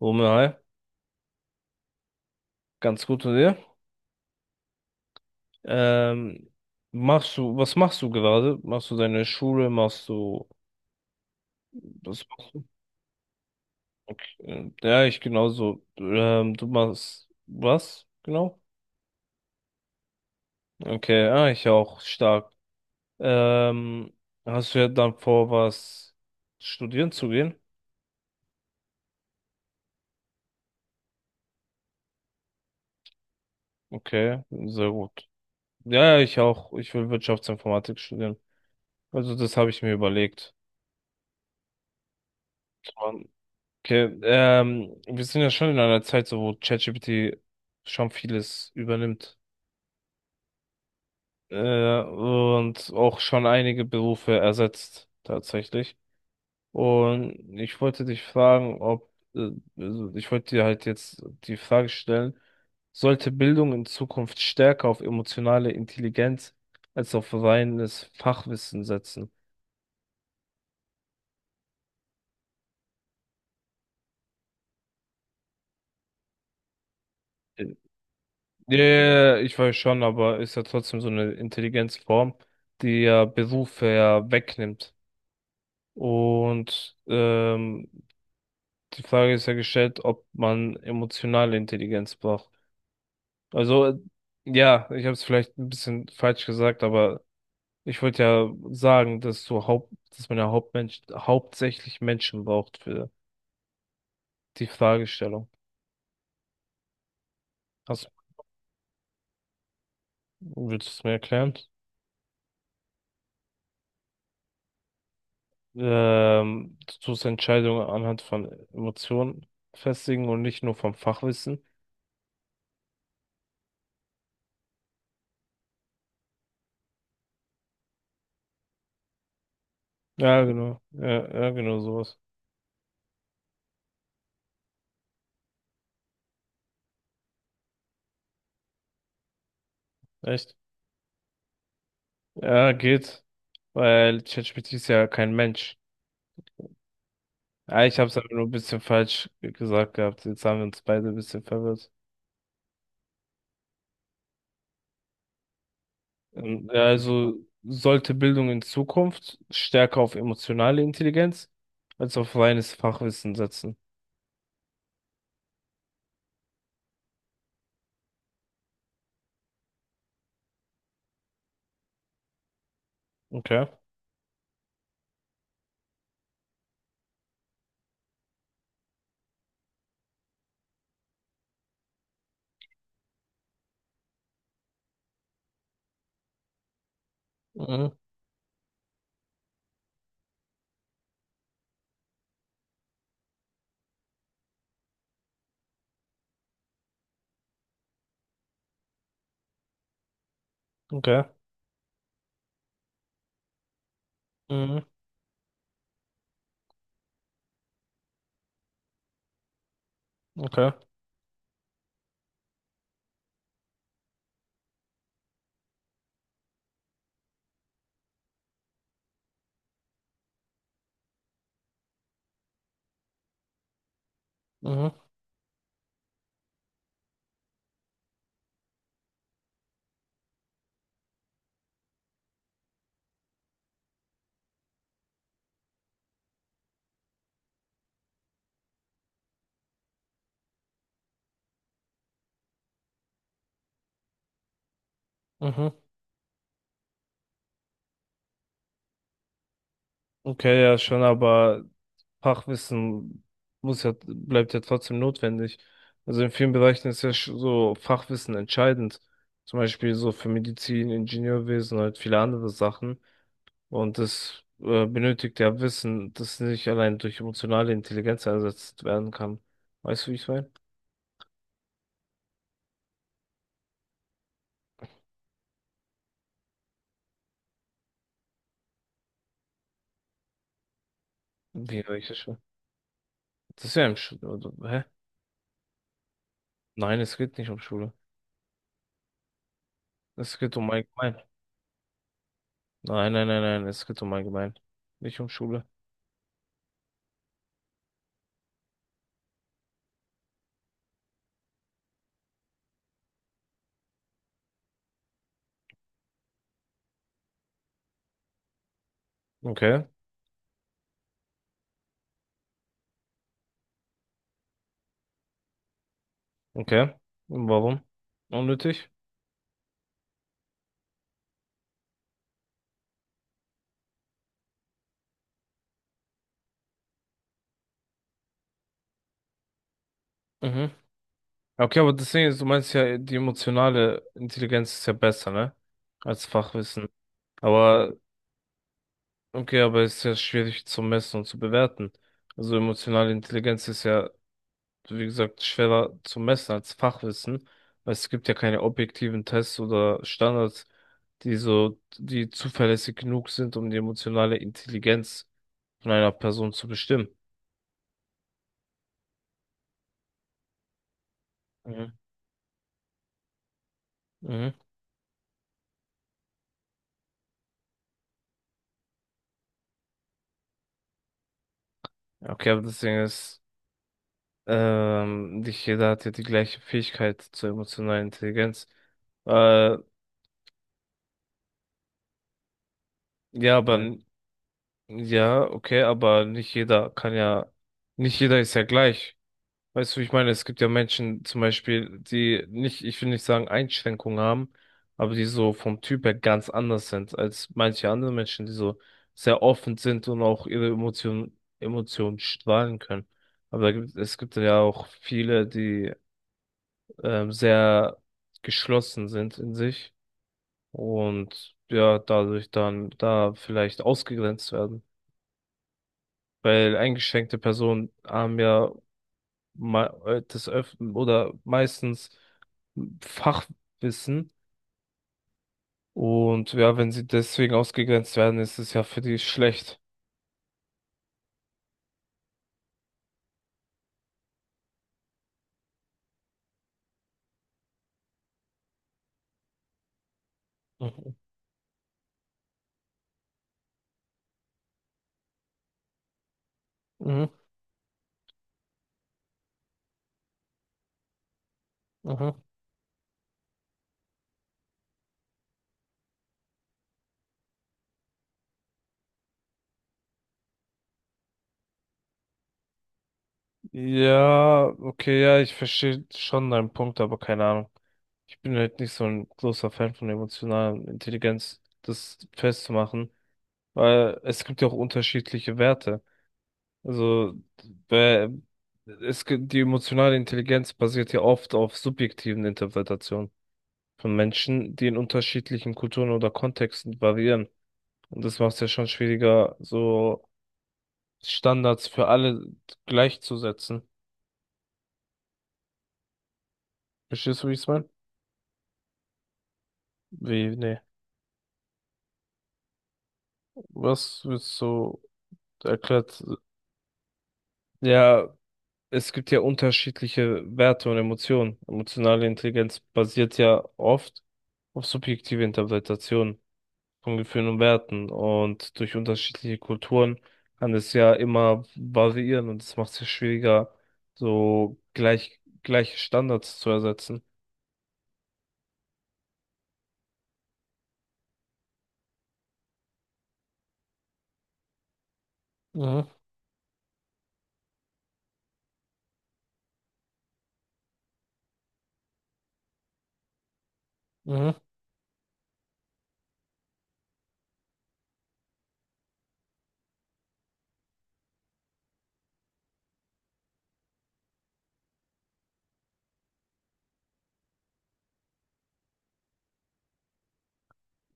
Romeo, hi. Ganz gut und dir. Ähm, was machst du gerade? Machst du deine Schule? Was machst du? Ja, ich genauso. Du machst was? Genau? Okay, ah, ich auch, stark. Ähm, hast du ja dann vor, was studieren zu gehen? Okay, sehr gut. Ja, ja, ich auch. Ich will Wirtschaftsinformatik studieren. Also das habe ich mir überlegt. Okay, wir sind ja schon in einer Zeit, so wo ChatGPT schon vieles übernimmt. Und auch schon einige Berufe ersetzt, tatsächlich. Und ich wollte dich fragen, ob, also ich wollte dir halt jetzt die Frage stellen, sollte Bildung in Zukunft stärker auf emotionale Intelligenz als auf reines Fachwissen setzen? Ja, ja, ja, ich weiß schon, aber ist ja trotzdem so eine Intelligenzform, die ja Berufe ja wegnimmt. Und die Frage ist ja gestellt, ob man emotionale Intelligenz braucht. Also, ja, ich habe es vielleicht ein bisschen falsch gesagt, aber ich wollte ja sagen, dass man ja Hauptmensch, hauptsächlich Menschen braucht für die Fragestellung. Hast, willst du es mir erklären? Du tust Entscheidungen anhand von Emotionen festigen und nicht nur vom Fachwissen. Ja, genau. Ja, ja, genau sowas. Echt? Ja, geht. Weil ChatGPT ist ja kein Mensch. Ah, ich habe es aber nur ein bisschen falsch gesagt gehabt. Jetzt haben wir uns beide ein bisschen verwirrt. Ja, also sollte Bildung in Zukunft stärker auf emotionale Intelligenz als auf reines Fachwissen setzen. Okay. Mhm. Okay. Mhm. Okay. Mhm. Mhm. Okay, ja schon. Fachwissen bleibt ja trotzdem notwendig. Also in vielen Bereichen ist ja so Fachwissen entscheidend. Zum Beispiel so für Medizin, Ingenieurwesen und halt viele andere Sachen. Und das benötigt ja Wissen, das nicht allein durch emotionale Intelligenz ersetzt werden kann. Weißt du, wie ich meine? Wie welche Schule? Das ist ja im Schule, oder? Hä? Nein, es geht nicht um Schule. Es geht um allgemein. Nein, es geht um allgemein. Nicht um Schule. Okay. Okay. Warum? Unnötig? Mhm. Okay, aber das Ding ist, du meinst ja, die emotionale Intelligenz ist ja besser, ne? Als Fachwissen. Aber, okay, aber ist ja schwierig zu messen und zu bewerten. Also emotionale Intelligenz ist ja, wie gesagt, schwerer zu messen als Fachwissen, weil es gibt ja keine objektiven Tests oder Standards, die zuverlässig genug sind, um die emotionale Intelligenz von einer Person zu bestimmen. Mhm. Mhm. Okay, aber das Ding ist, nicht jeder hat ja die gleiche Fähigkeit zur emotionalen Intelligenz. Äh, ja, aber ja. Ja, okay, aber nicht jeder ist ja gleich. Weißt du, wie ich meine, es gibt ja Menschen zum Beispiel, die nicht, ich will nicht sagen Einschränkungen haben, aber die so vom Typ her ganz anders sind als manche andere Menschen, die so sehr offen sind und auch ihre Emotionen strahlen können. Aber es gibt ja auch viele, die sehr geschlossen sind in sich und ja, dadurch dann da vielleicht ausgegrenzt werden. Weil eingeschränkte Personen haben ja des Öfteren oder meistens Fachwissen und ja, wenn sie deswegen ausgegrenzt werden, ist es ja für die schlecht. Mhm. Mhm. Mhm. Ja, okay, ja, ich verstehe schon deinen Punkt, aber keine Ahnung. Ich bin halt nicht so ein großer Fan von emotionaler Intelligenz, das festzumachen. Weil es gibt ja auch unterschiedliche Werte. Also bei- die emotionale Intelligenz basiert ja oft auf subjektiven Interpretationen von Menschen, die in unterschiedlichen Kulturen oder Kontexten variieren. Und das macht es ja schon schwieriger, so Standards für alle gleichzusetzen. Verstehst du, wie ich es meine? Wie, nee. Was willst du erklärt? Ja, es gibt ja unterschiedliche Werte und Emotionen. Emotionale Intelligenz basiert ja oft auf subjektive Interpretationen von Gefühlen und Werten. Und durch unterschiedliche Kulturen kann es ja immer variieren und es macht es ja schwieriger, so gleiche Standards zu ersetzen. Mhm. Mhm.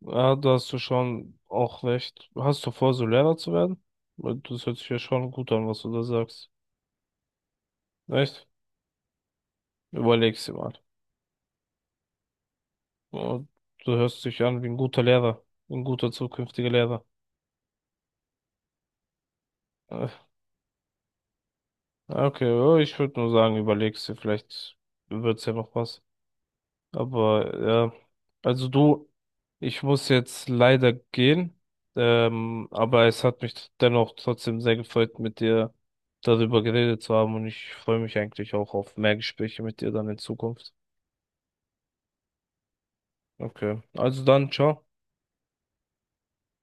Ja, da hast du schon auch recht. Hast du vor, so Lehrer zu werden? Weil das hört sich ja schon gut an, was du da sagst. Echt? Überleg's dir mal. Oh, du hörst dich an wie ein guter Lehrer, ein guter zukünftiger Lehrer. Äh, ja, okay, oh, ich würde nur sagen, überlegst dir, vielleicht wird's ja noch was. Aber ja, also du, ich muss jetzt leider gehen. Aber es hat mich dennoch trotzdem sehr gefreut, mit dir darüber geredet zu haben und ich freue mich eigentlich auch auf mehr Gespräche mit dir dann in Zukunft. Okay, also dann, ciao.